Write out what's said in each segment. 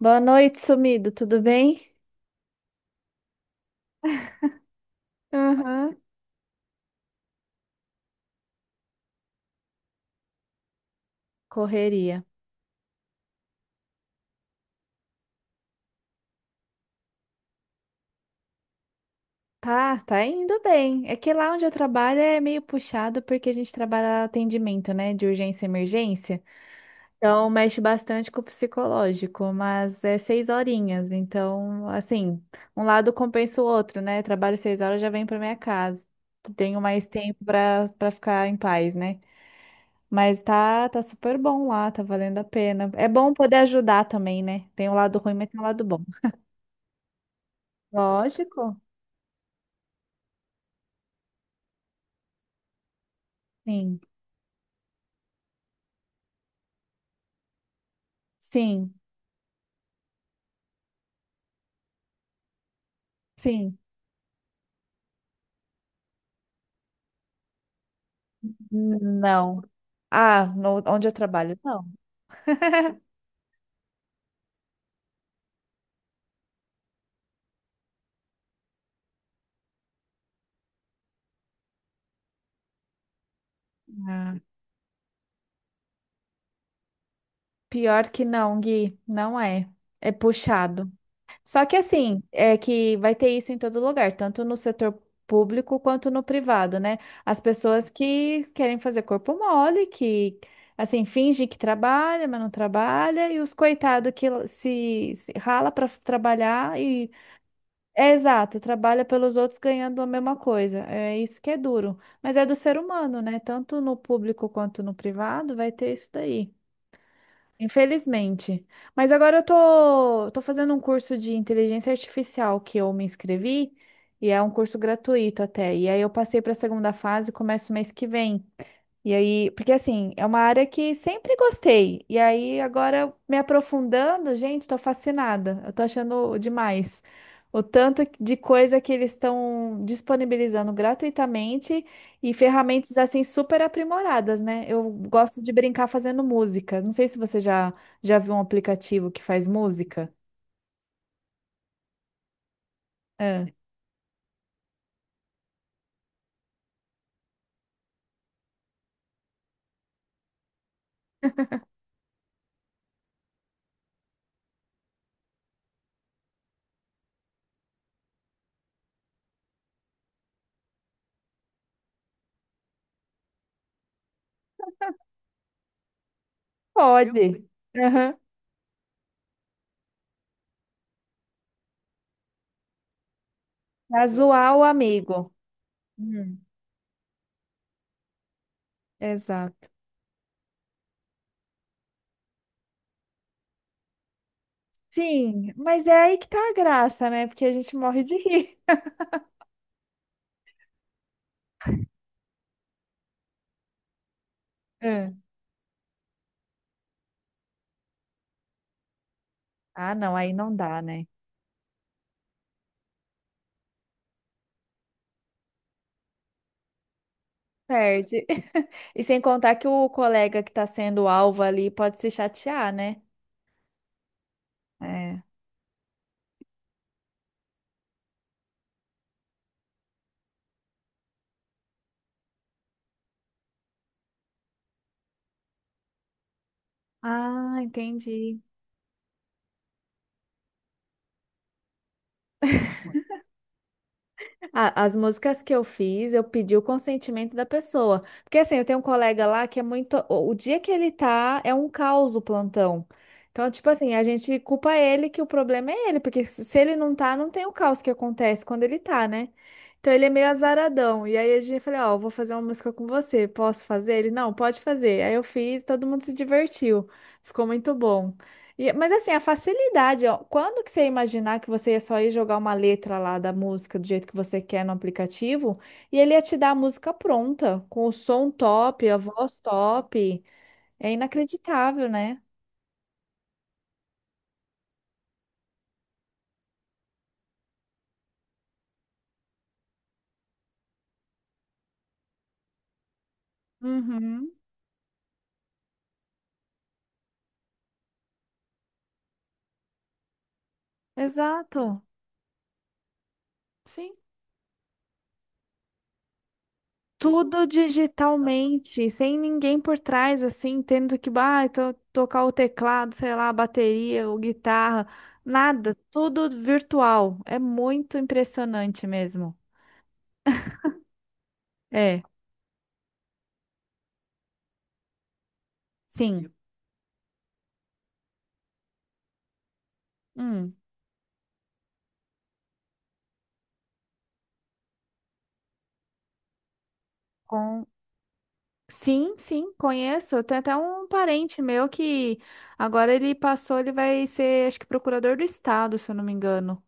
Boa noite, sumido, tudo bem? Aham. Correria. Tá indo bem. É que lá onde eu trabalho é meio puxado porque a gente trabalha atendimento, né, de urgência e emergência. Então mexe bastante com o psicológico, mas é seis horinhas. Então, assim, um lado compensa o outro, né? Trabalho seis horas, já venho para minha casa. Tenho mais tempo para ficar em paz, né? Mas tá super bom lá, tá valendo a pena. É bom poder ajudar também, né? Tem um lado ruim, mas tem um lado bom. Lógico. Sim, sim, sim. Não. Ah, onde eu trabalho? Não. Ah, pior que não, Gui, não é. É puxado. Só que assim, é que vai ter isso em todo lugar, tanto no setor público quanto no privado, né? As pessoas que querem fazer corpo mole, que assim, finge que trabalha, mas não trabalha, e os coitados que se rala para trabalhar e é exato, trabalha pelos outros ganhando a mesma coisa. É isso que é duro. Mas é do ser humano, né? Tanto no público quanto no privado vai ter isso daí. Infelizmente. Mas agora eu tô fazendo um curso de inteligência artificial que eu me inscrevi e é um curso gratuito até. E aí eu passei para a segunda fase, começo mês que vem. E aí, porque assim, é uma área que sempre gostei. E aí, agora me aprofundando, gente, tô fascinada. Eu tô achando demais. O tanto de coisa que eles estão disponibilizando gratuitamente e ferramentas assim super aprimoradas, né? Eu gosto de brincar fazendo música. Não sei se você já viu um aplicativo que faz música. Ah, pode. Vi. Uhum. Pra zoar o amigo. Hum, exato. Sim, mas é aí que tá a graça, né? Porque a gente morre de rir. É. Ah, não, aí não dá, né? Perde. E sem contar que o colega que tá sendo alvo ali pode se chatear, né? É. Ah, entendi. As músicas que eu fiz, eu pedi o consentimento da pessoa. Porque assim, eu tenho um colega lá que é muito. O dia que ele tá, é um caos o plantão. Então, tipo assim, a gente culpa ele que o problema é ele, porque se ele não tá, não tem o caos que acontece quando ele tá, né? Então ele é meio azaradão. E aí a gente falou, ó, eu vou fazer uma música com você, posso fazer? Ele, não, pode fazer. Aí eu fiz, todo mundo se divertiu. Ficou muito bom. Mas assim, a facilidade, ó, quando que você ia imaginar que você ia só ir jogar uma letra lá da música do jeito que você quer no aplicativo e ele ia te dar a música pronta, com o som top, a voz top. É inacreditável, né? Uhum, exato. Sim. Tudo digitalmente, sem ninguém por trás, assim, tendo que tocar o teclado, sei lá, a bateria ou guitarra, nada, tudo virtual. É muito impressionante mesmo. É, sim. Hum. Com sim, sim, conheço. Tem até um parente meu que agora ele passou, ele vai ser, acho que procurador do estado, se eu não me engano.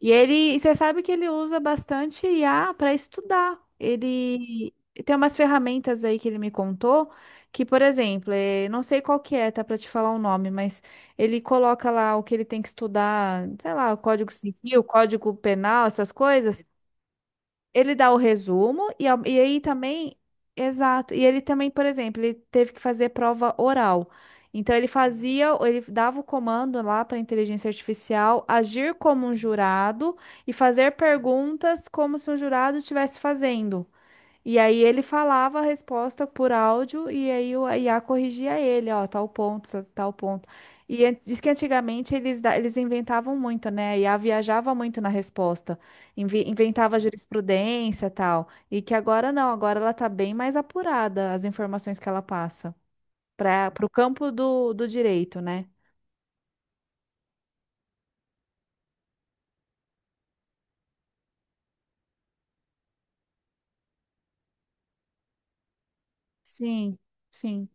E ele, e você sabe que ele usa bastante IA para estudar. Ele tem umas ferramentas aí que ele me contou, que, por exemplo, não sei qual que é, tá para te falar o nome, mas ele coloca lá o que ele tem que estudar, sei lá, o Código Civil, Código Penal, essas coisas. Ele dá o resumo e, e aí também, exato. E ele também, por exemplo, ele teve que fazer prova oral. Então ele fazia, ele dava o comando lá para a inteligência artificial agir como um jurado e fazer perguntas como se um jurado estivesse fazendo. E aí ele falava a resposta por áudio e aí a IA corrigia ele, ó, tal ponto, tal ponto. E diz que antigamente eles, eles inventavam muito, né? A IA viajava muito na resposta, inventava jurisprudência e tal. E que agora não, agora ela tá bem mais apurada as informações que ela passa para o campo do, do direito, né? Sim, sim.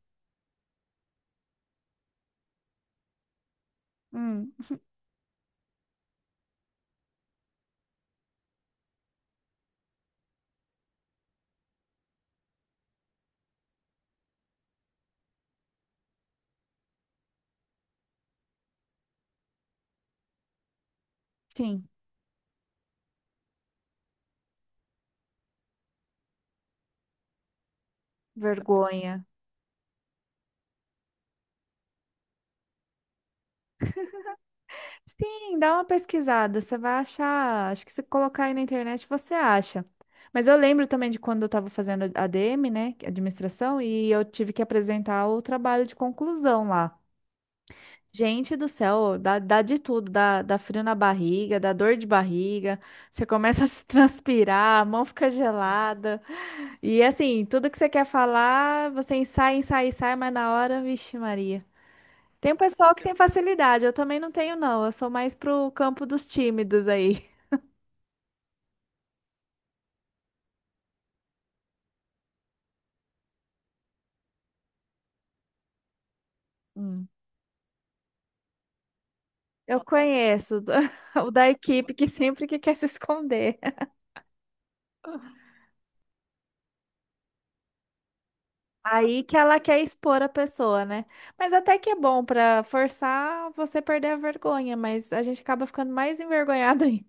Hum, sim. Vergonha. Sim, dá uma pesquisada, você vai achar. Acho que se colocar aí na internet você acha. Mas eu lembro também de quando eu estava fazendo ADM, né, administração, e eu tive que apresentar o trabalho de conclusão lá. Gente do céu, dá de tudo, dá frio na barriga, dá dor de barriga, você começa a se transpirar, a mão fica gelada. E assim, tudo que você quer falar, você ensaia, ensaia, ensaia, mas na hora, vixe, Maria. Tem um pessoal que tem facilidade, eu também não tenho, não. Eu sou mais pro campo dos tímidos aí. Hum. Eu conheço o da equipe que sempre que quer se esconder. Aí que ela quer expor a pessoa, né? Mas até que é bom pra forçar você perder a vergonha, mas a gente acaba ficando mais envergonhada ainda.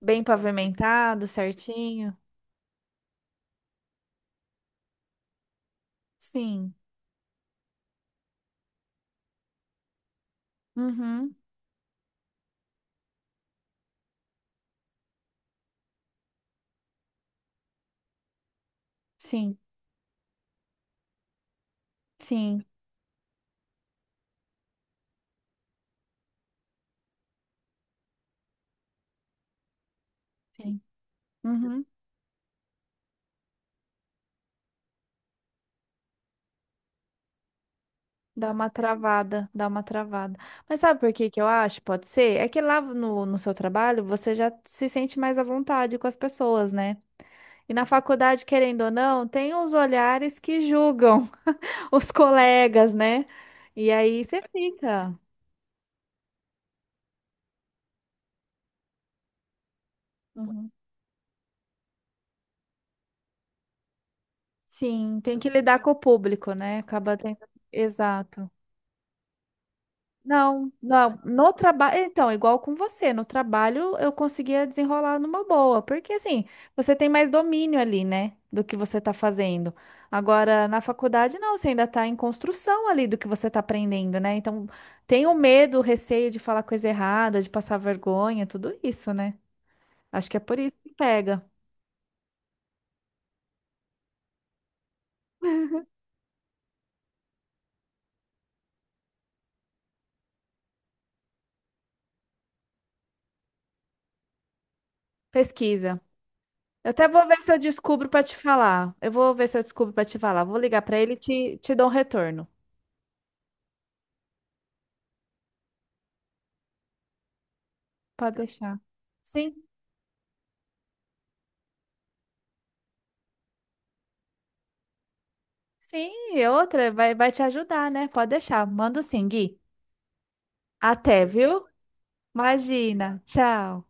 Bem pavimentado, certinho. Sim. Uhum. Sim. Sim. Sim. Uhum. Dá uma travada. Mas sabe por que que eu acho? Pode ser? É que lá no seu trabalho você já se sente mais à vontade com as pessoas, né? E na faculdade, querendo ou não, tem os olhares que julgam os colegas, né? E aí você fica. Uhum. Sim, tem que lidar com o público, né? Acaba tendo. Exato. Não, não. No trabalho, então, igual com você, no trabalho eu conseguia desenrolar numa boa, porque assim, você tem mais domínio ali, né, do que você está fazendo. Agora, na faculdade, não, você ainda está em construção ali do que você está aprendendo, né? Então, tem o medo, o receio de falar coisa errada, de passar vergonha, tudo isso, né? Acho que é por isso que pega. Pesquisa. Eu até vou ver se eu descubro para te falar. Eu vou ver se eu descubro para te falar. Vou ligar para ele e te dou um retorno. Pode deixar. Sim. Sim, e outra vai te ajudar, né? Pode deixar. Mando sim, Gui. Até, viu? Imagina. Tchau.